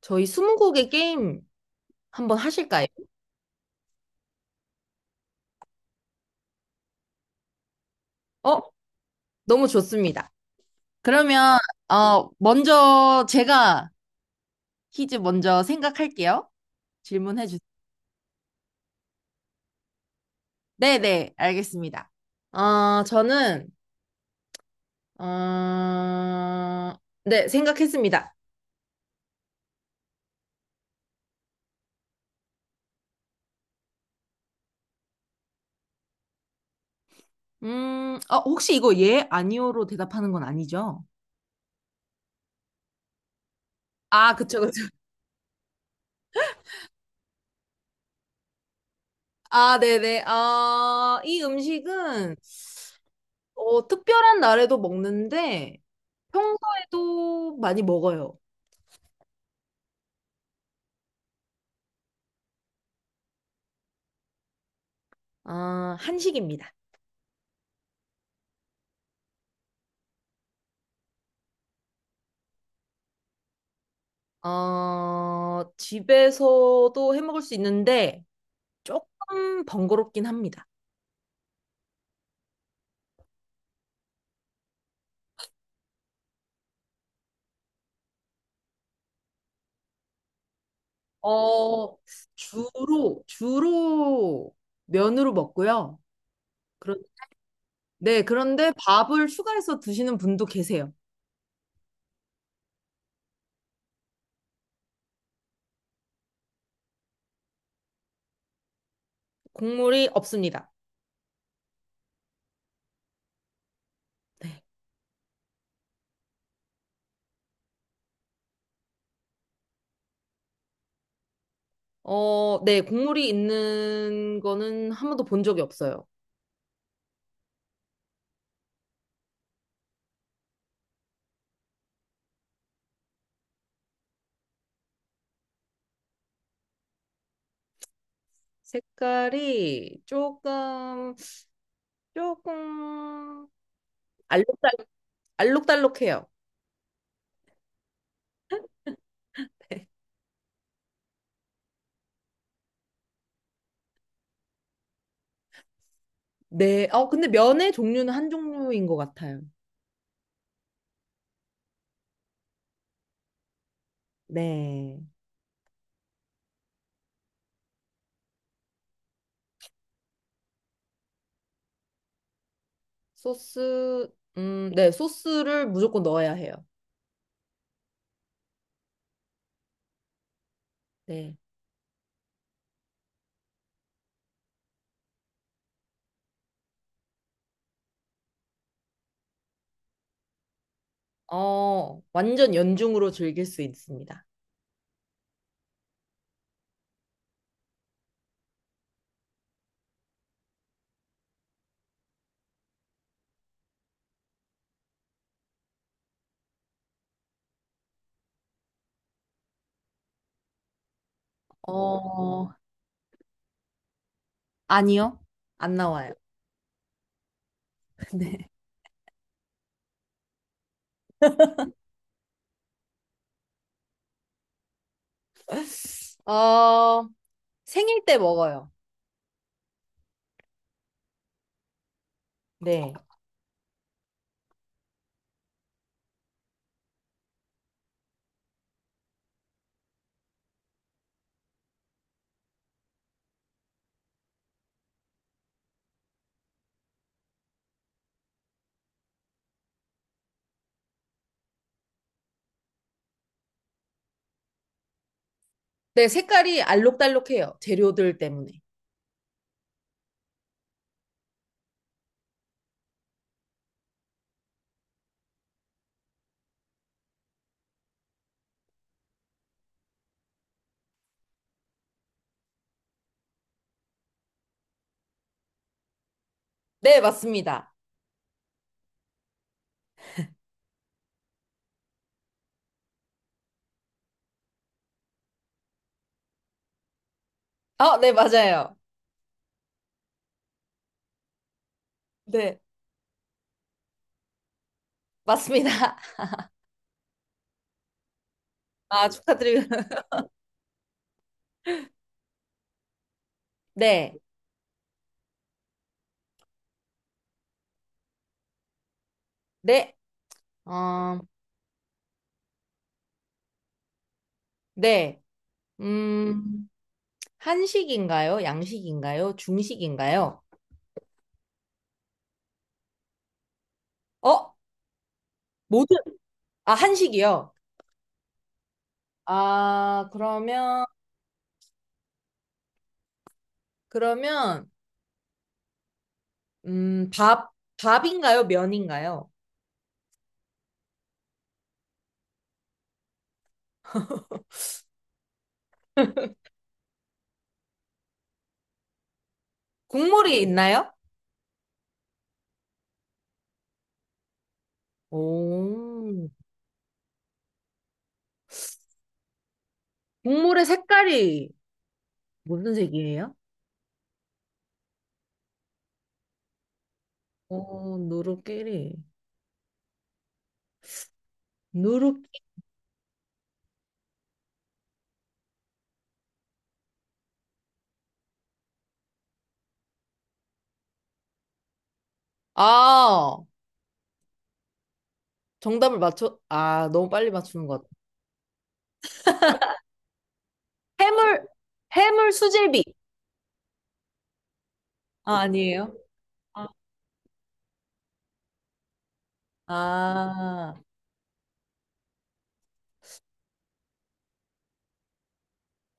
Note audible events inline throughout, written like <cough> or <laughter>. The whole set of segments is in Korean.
저희 스무고개 게임 한번 하실까요? 어? 너무 좋습니다. 그러면 먼저 제가 퀴즈 먼저 생각할게요. 질문해 주세요. 네네, 알겠습니다. 아 저는 어... 네, 생각했습니다. 혹시 이거 예, 아니오로 대답하는 건 아니죠? 아, 그쵸, 그쵸. 아, 네네. 아, 이 음식은 특별한 날에도 먹는데 평소에도 많이 먹어요. 아, 한식입니다. 집에서도 해 먹을 수 있는데 조금 번거롭긴 합니다. 어, 주로 면으로 먹고요. 그런, 네, 그런데 밥을 추가해서 드시는 분도 계세요. 국물이 없습니다. 네. 어, 네, 국물이 있는 거는 한 번도 본 적이 없어요. 색깔이 조금 알록달록, 알록달록해요. 네. 근데 면의 종류는 한 종류인 것 같아요. 네. 소스, 네. 소스를 무조건 넣어야 해요. 네. 완전 연중으로 즐길 수 있습니다. 어, 아니요. 안 나와요. <laughs> 네. 어, 생일 때 먹어요. 네. 네, 색깔이 알록달록해요. 재료들 때문에. 네, 맞습니다. 어, 네, 맞아요. 네, 맞습니다. <laughs> 아, 축하드립니다. 네, 네, 어, 네. 음, 한식인가요? 양식인가요? 중식인가요? 어? 모든, 아, 한식이요. 아, 그러면, 그러면, 밥, 밥인가요? 면인가요? 국물이 있나요? 오, 국물의 색깔이 무슨 색이에요? 어, 누룩끼리. 누룩, 아, 정답을 맞춰, 아, 너무 빨리 맞추는 것 같아. 해물, 해물 수제비. 아, 아니에요? 아, 아.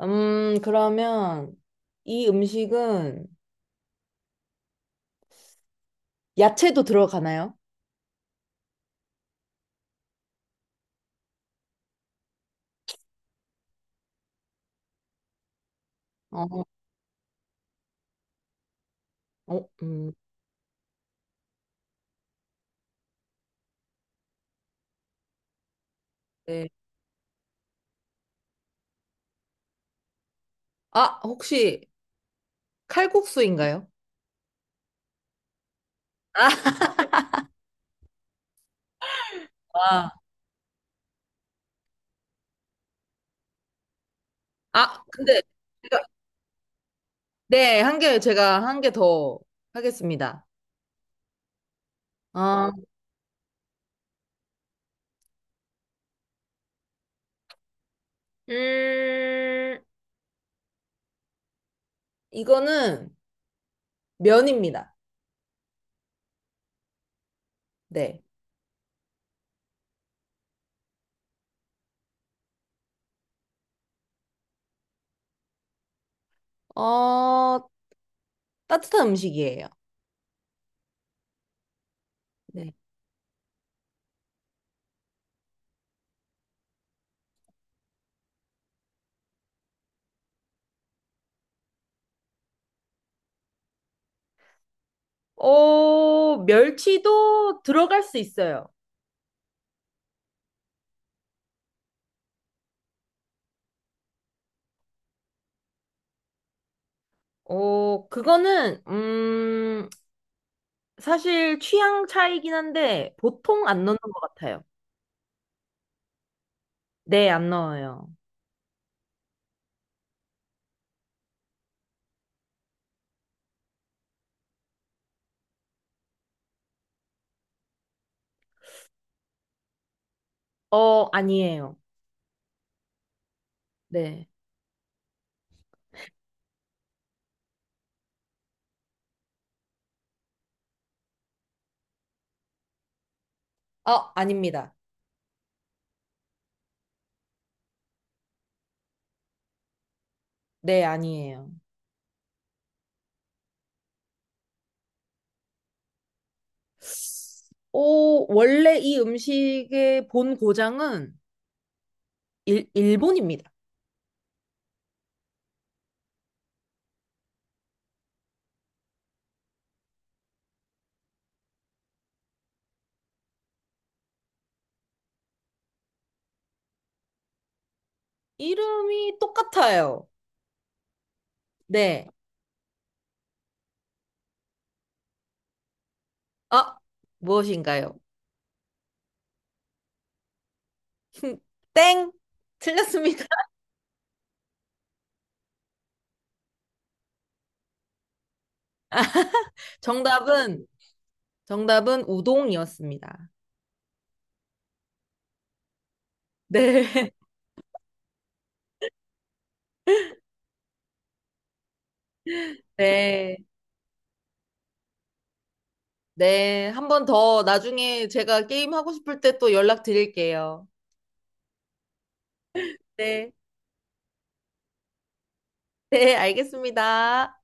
그러면 이 음식은 야채도 들어가나요? 어, 어, 네. 아, 혹시 칼국수인가요? 아, 아, 아, 근데 제가- 네, 한 개, 제가 한 개 더 하겠습니다. 아, 음, 이거는 면입니다. 네. 어, 따뜻한 음식이에요. 네. 멸치도 들어갈 수 있어요. 어, 그거는, 사실 취향 차이긴 한데 보통 안 넣는 것 같아요. 네, 안 넣어요. 어, 아니에요. 네. 아, 아닙니다. 네, 아니에요. 오, 원래 이 음식의 본 고장은 일, 일본입니다. 이름이 똑같아요. 네. 아, 무엇인가요? <laughs> 땡! 틀렸습니다. <laughs> 정답은, 정답은 우동이었습니다. 네. <laughs> 네. 네, 한 번 더 나중에 제가 게임 하고 싶을 때 또 연락드릴게요. 네. 네, 알겠습니다.